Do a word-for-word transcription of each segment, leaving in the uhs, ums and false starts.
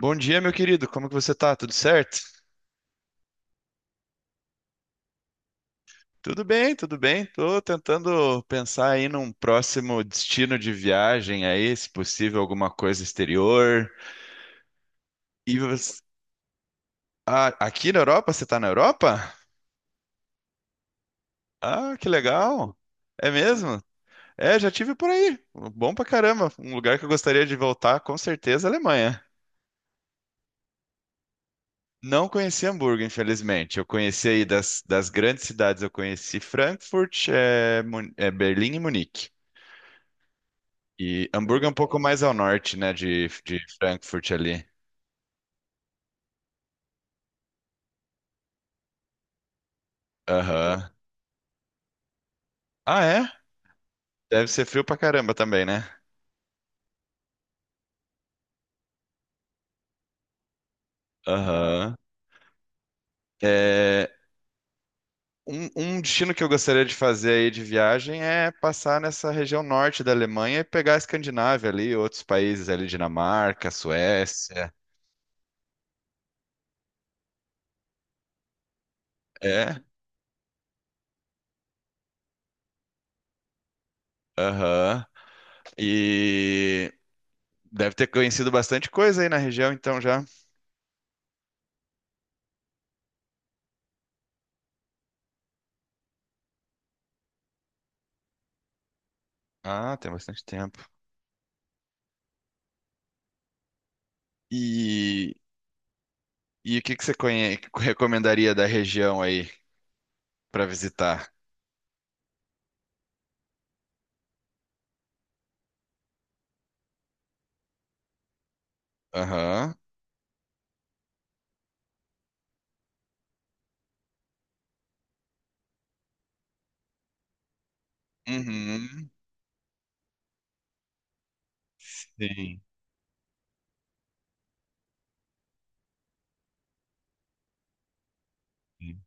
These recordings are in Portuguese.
Bom dia, meu querido. Como que você tá? Tudo certo? Tudo bem, tudo bem. Tô tentando pensar aí num próximo destino de viagem aí, se possível alguma coisa exterior. E você... Ah, aqui na Europa? Você tá na Europa? Ah, que legal. É mesmo? É, já tive por aí. Bom pra caramba. Um lugar que eu gostaria de voltar, com certeza, é a Alemanha. Não conheci Hamburgo, infelizmente. Eu conheci aí das, das grandes cidades, eu conheci Frankfurt, eh, Mun- eh, Berlim e Munique. E Hamburgo é um pouco mais ao norte, né, de, de Frankfurt ali. Aham. Ah, é? Deve ser frio pra caramba também, né? Aham. É, um, um destino que eu gostaria de fazer aí de viagem é passar nessa região norte da Alemanha e pegar a Escandinávia ali, outros países ali, Dinamarca, Suécia. É, aham. E deve ter conhecido bastante coisa aí na região, então já. Ah, tem bastante tempo. E, e o que que você conhe... recomendaria da região aí? Para visitar. Aham. Uhum. Sim. Sim.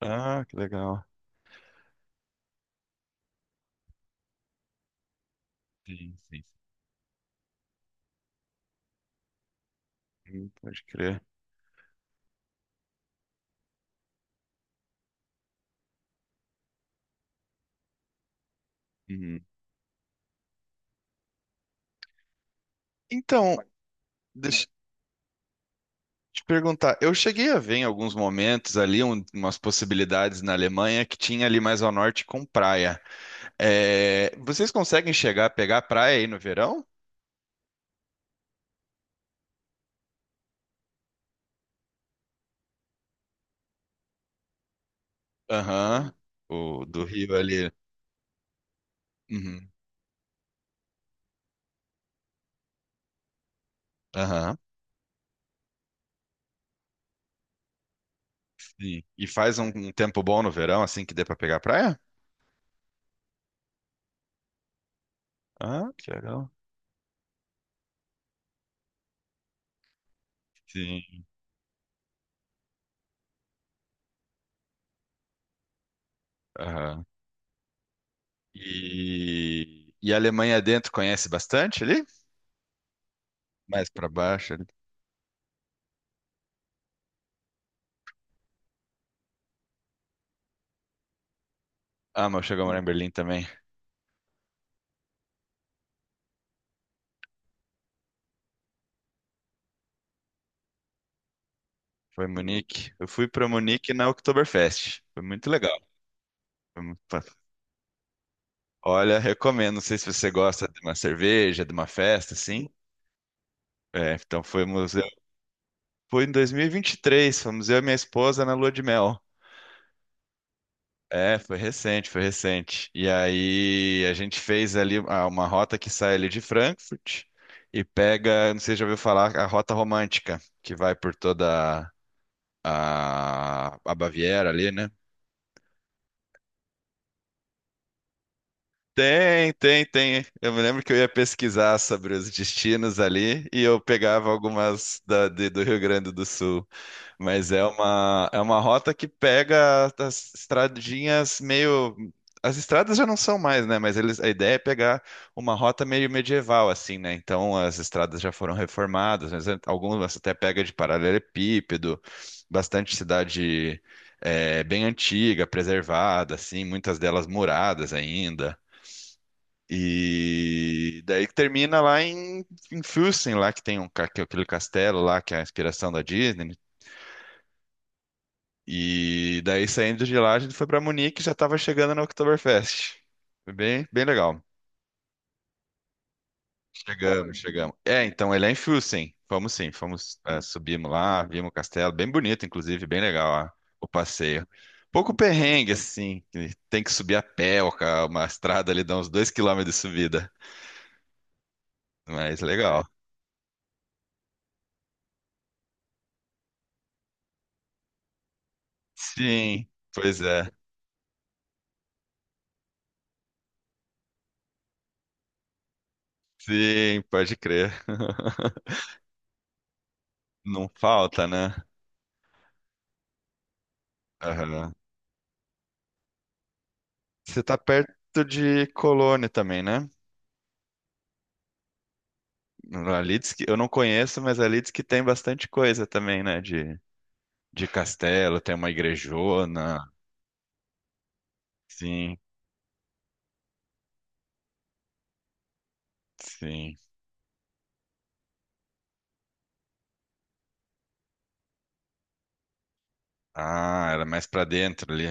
Ah, que legal. Sim, sim. Hum, pode crer. Uhum. Então, deixa eu te perguntar. Eu cheguei a ver em alguns momentos ali um- umas possibilidades na Alemanha que tinha ali mais ao norte com praia. É, vocês conseguem chegar a pegar praia aí no verão? Aham. O do Rio ali. Uhum. Aham. Sim. E faz um, um tempo bom no verão, assim que dê pra pegar praia? Ah, que legal. Sim. Aham. E, e a Alemanha dentro conhece bastante ali? Mais pra baixo ali. Ah, mas eu cheguei a morar em Berlim também. Foi em Munique. Eu fui pra Munique na Oktoberfest. Foi muito legal. Foi muito pa- Olha, recomendo. Não sei se você gosta de uma cerveja, de uma festa, assim. É, então foi museu. Foi em dois mil e vinte e três. Fomos eu e minha esposa na lua de mel. É, foi recente, foi recente. E aí a gente fez ali ah, uma rota que sai ali de Frankfurt e pega, não sei se já ouviu falar, a Rota Romântica, que vai por toda a, a Baviera ali, né? Tem, tem, tem. Eu me lembro que eu ia pesquisar sobre os destinos ali e eu pegava algumas da- de- do Rio Grande do Sul. Mas é uma, é uma rota que pega as estradinhas meio. As estradas já não são mais, né? Mas eles, a ideia é pegar uma rota meio medieval, assim, né? Então as estradas já foram reformadas, mas algumas até pega de paralelepípedo, bastante cidade. É, bem antiga, preservada, assim, muitas delas muradas ainda. E daí que termina lá em, em Füssen, lá que tem um, ca- que é aquele castelo lá, que é a inspiração da Disney. E daí saindo de lá, a gente foi para Munique e já estava chegando na Oktoberfest. Foi bem, bem legal. Chegamos, chegamos. É, então ele é em Füssen. Fomos sim, fomos, é, subimos lá, vimos o castelo, bem bonito, inclusive, bem legal, ó, o passeio. Pouco perrengue, assim, que tem que subir a pé, ó, ca- uma estrada ali dá uns dois quilômetros de subida, mas legal. Sim, pois é. Sim, pode crer. Não falta, né? Aham. Você tá perto de Colônia também, né? Ali diz que eu não conheço, mas ali diz que tem bastante coisa também, né? De, de castelo, tem uma igrejona. Sim, sim. Ah, era mais pra dentro ali.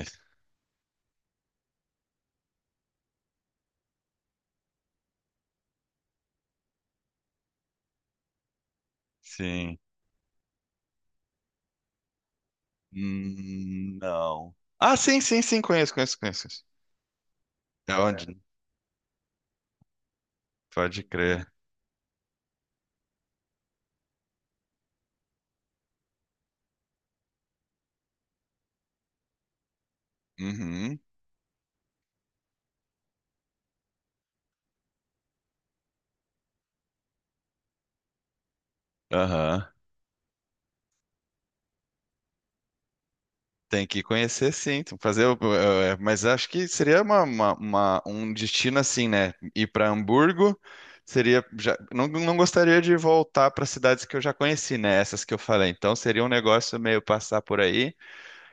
Sim. Hum, não. Ah, sim, sim, sim, conheço, conheço, conheço. É onde? Pode crer. Uhum. Aham. Tem que conhecer, sim. Tem que fazer, o- eh, mas acho que seria uma, uma- uma- um destino assim, né? Ir para Hamburgo seria já, não, não gostaria de voltar para cidades que eu já conheci, né? Essas que eu falei. Então seria um negócio meio passar por aí.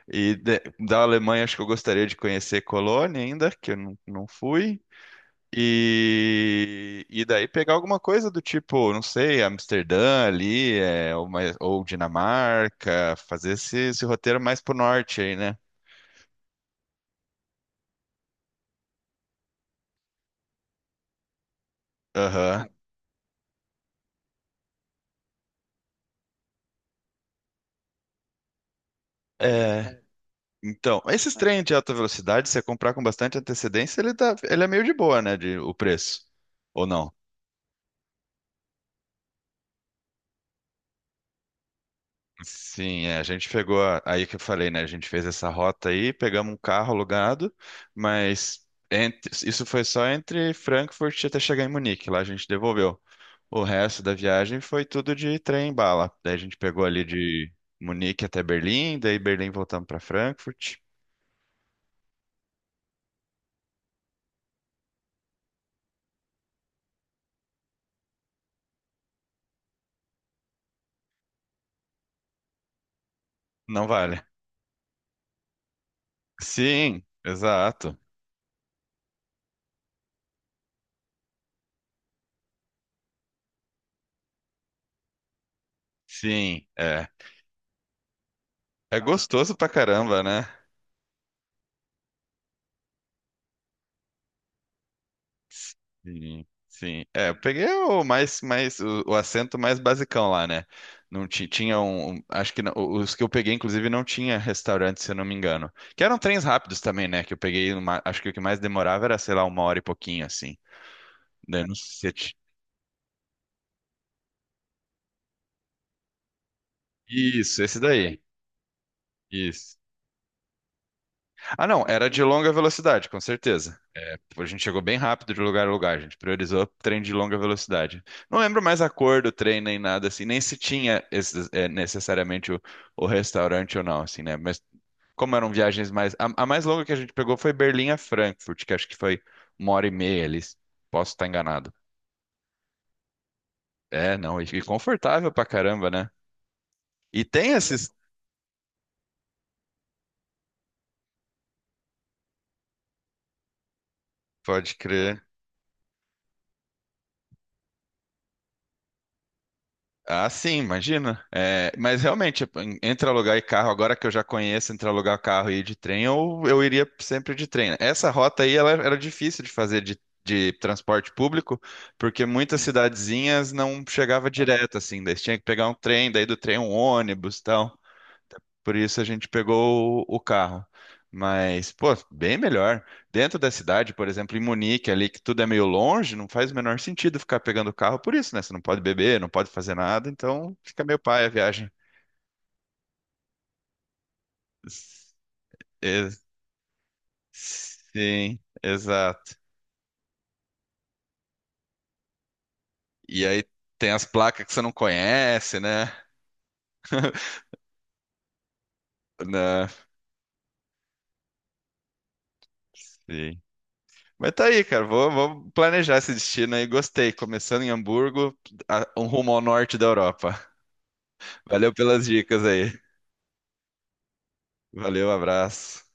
E de- Da Alemanha acho que eu gostaria de conhecer Colônia ainda, que eu não, não fui. E, e daí pegar alguma coisa do tipo, não sei, Amsterdã ali, eh, ou, mais- ou Dinamarca, fazer esse, esse roteiro mais pro norte aí, né? Aham. É. Então, esses trens de alta velocidade, se você comprar com bastante antecedência, ele tá, ele é meio de boa, né, de, o preço. Ou não? Sim, é, a gente pegou, a- aí que eu falei, né? A gente fez essa rota aí, pegamos um carro alugado, mas entre- isso foi só entre Frankfurt até chegar em Munique, lá a gente devolveu. O resto da viagem foi tudo de trem e bala. Daí a gente pegou ali de Munique até Berlim, daí Berlim voltamos para Frankfurt. Não vale. Sim, exato. Sim, é. É gostoso pra caramba, né? Sim, sim. É, eu peguei o mais, mais o, o assento mais basicão lá, né? Não ti- Tinha um, um- acho que não- os que eu peguei inclusive não tinha restaurante, se eu não me engano. Que eram trens rápidos também, né? Que eu peguei, uma- acho que o que mais demorava era, sei lá, uma hora e pouquinho assim. Daí eu não sei se ti- Isso, esse daí. Isso. Ah, não, era de longa velocidade, com certeza. Tipo, a gente chegou bem rápido de lugar a lugar, a gente priorizou trem de longa velocidade. Não lembro mais a cor do trem nem nada assim, nem se tinha esses, é, necessariamente o, o restaurante ou não, assim, né? Mas como eram viagens mais. A, a mais longa que a gente pegou foi Berlim a Frankfurt, que acho que foi uma hora e meia ali. Posso estar enganado. É, não, e, e confortável pra caramba, né? E tem esses. Pode crer. Ah, sim, imagina. É, mas realmente, tipo, en- entre alugar e carro, agora que eu já conheço, entre alugar carro e ir de trem, eu, eu iria sempre de trem, né? Essa rota aí, ela era difícil de fazer de, de transporte público, porque muitas cidadezinhas não chegava direto, assim, daí você tinha que pegar um trem, daí do trem um ônibus e tal. Por isso a gente pegou o o carro. Mas, pô, bem melhor. Dentro da cidade, por exemplo, em Munique, ali que tudo é meio longe, não faz o menor sentido ficar pegando o carro por isso, né? Você não pode beber, não pode fazer nada, então fica meio paia a viagem. S- Ex- Sim, exato. E aí tem as placas que você não conhece, né? Né? Sim. Mas tá aí, cara. Vou, vou planejar esse destino aí. Gostei. Começando em Hamburgo, a- um rumo ao norte da Europa. Valeu pelas dicas aí. Valeu, abraço.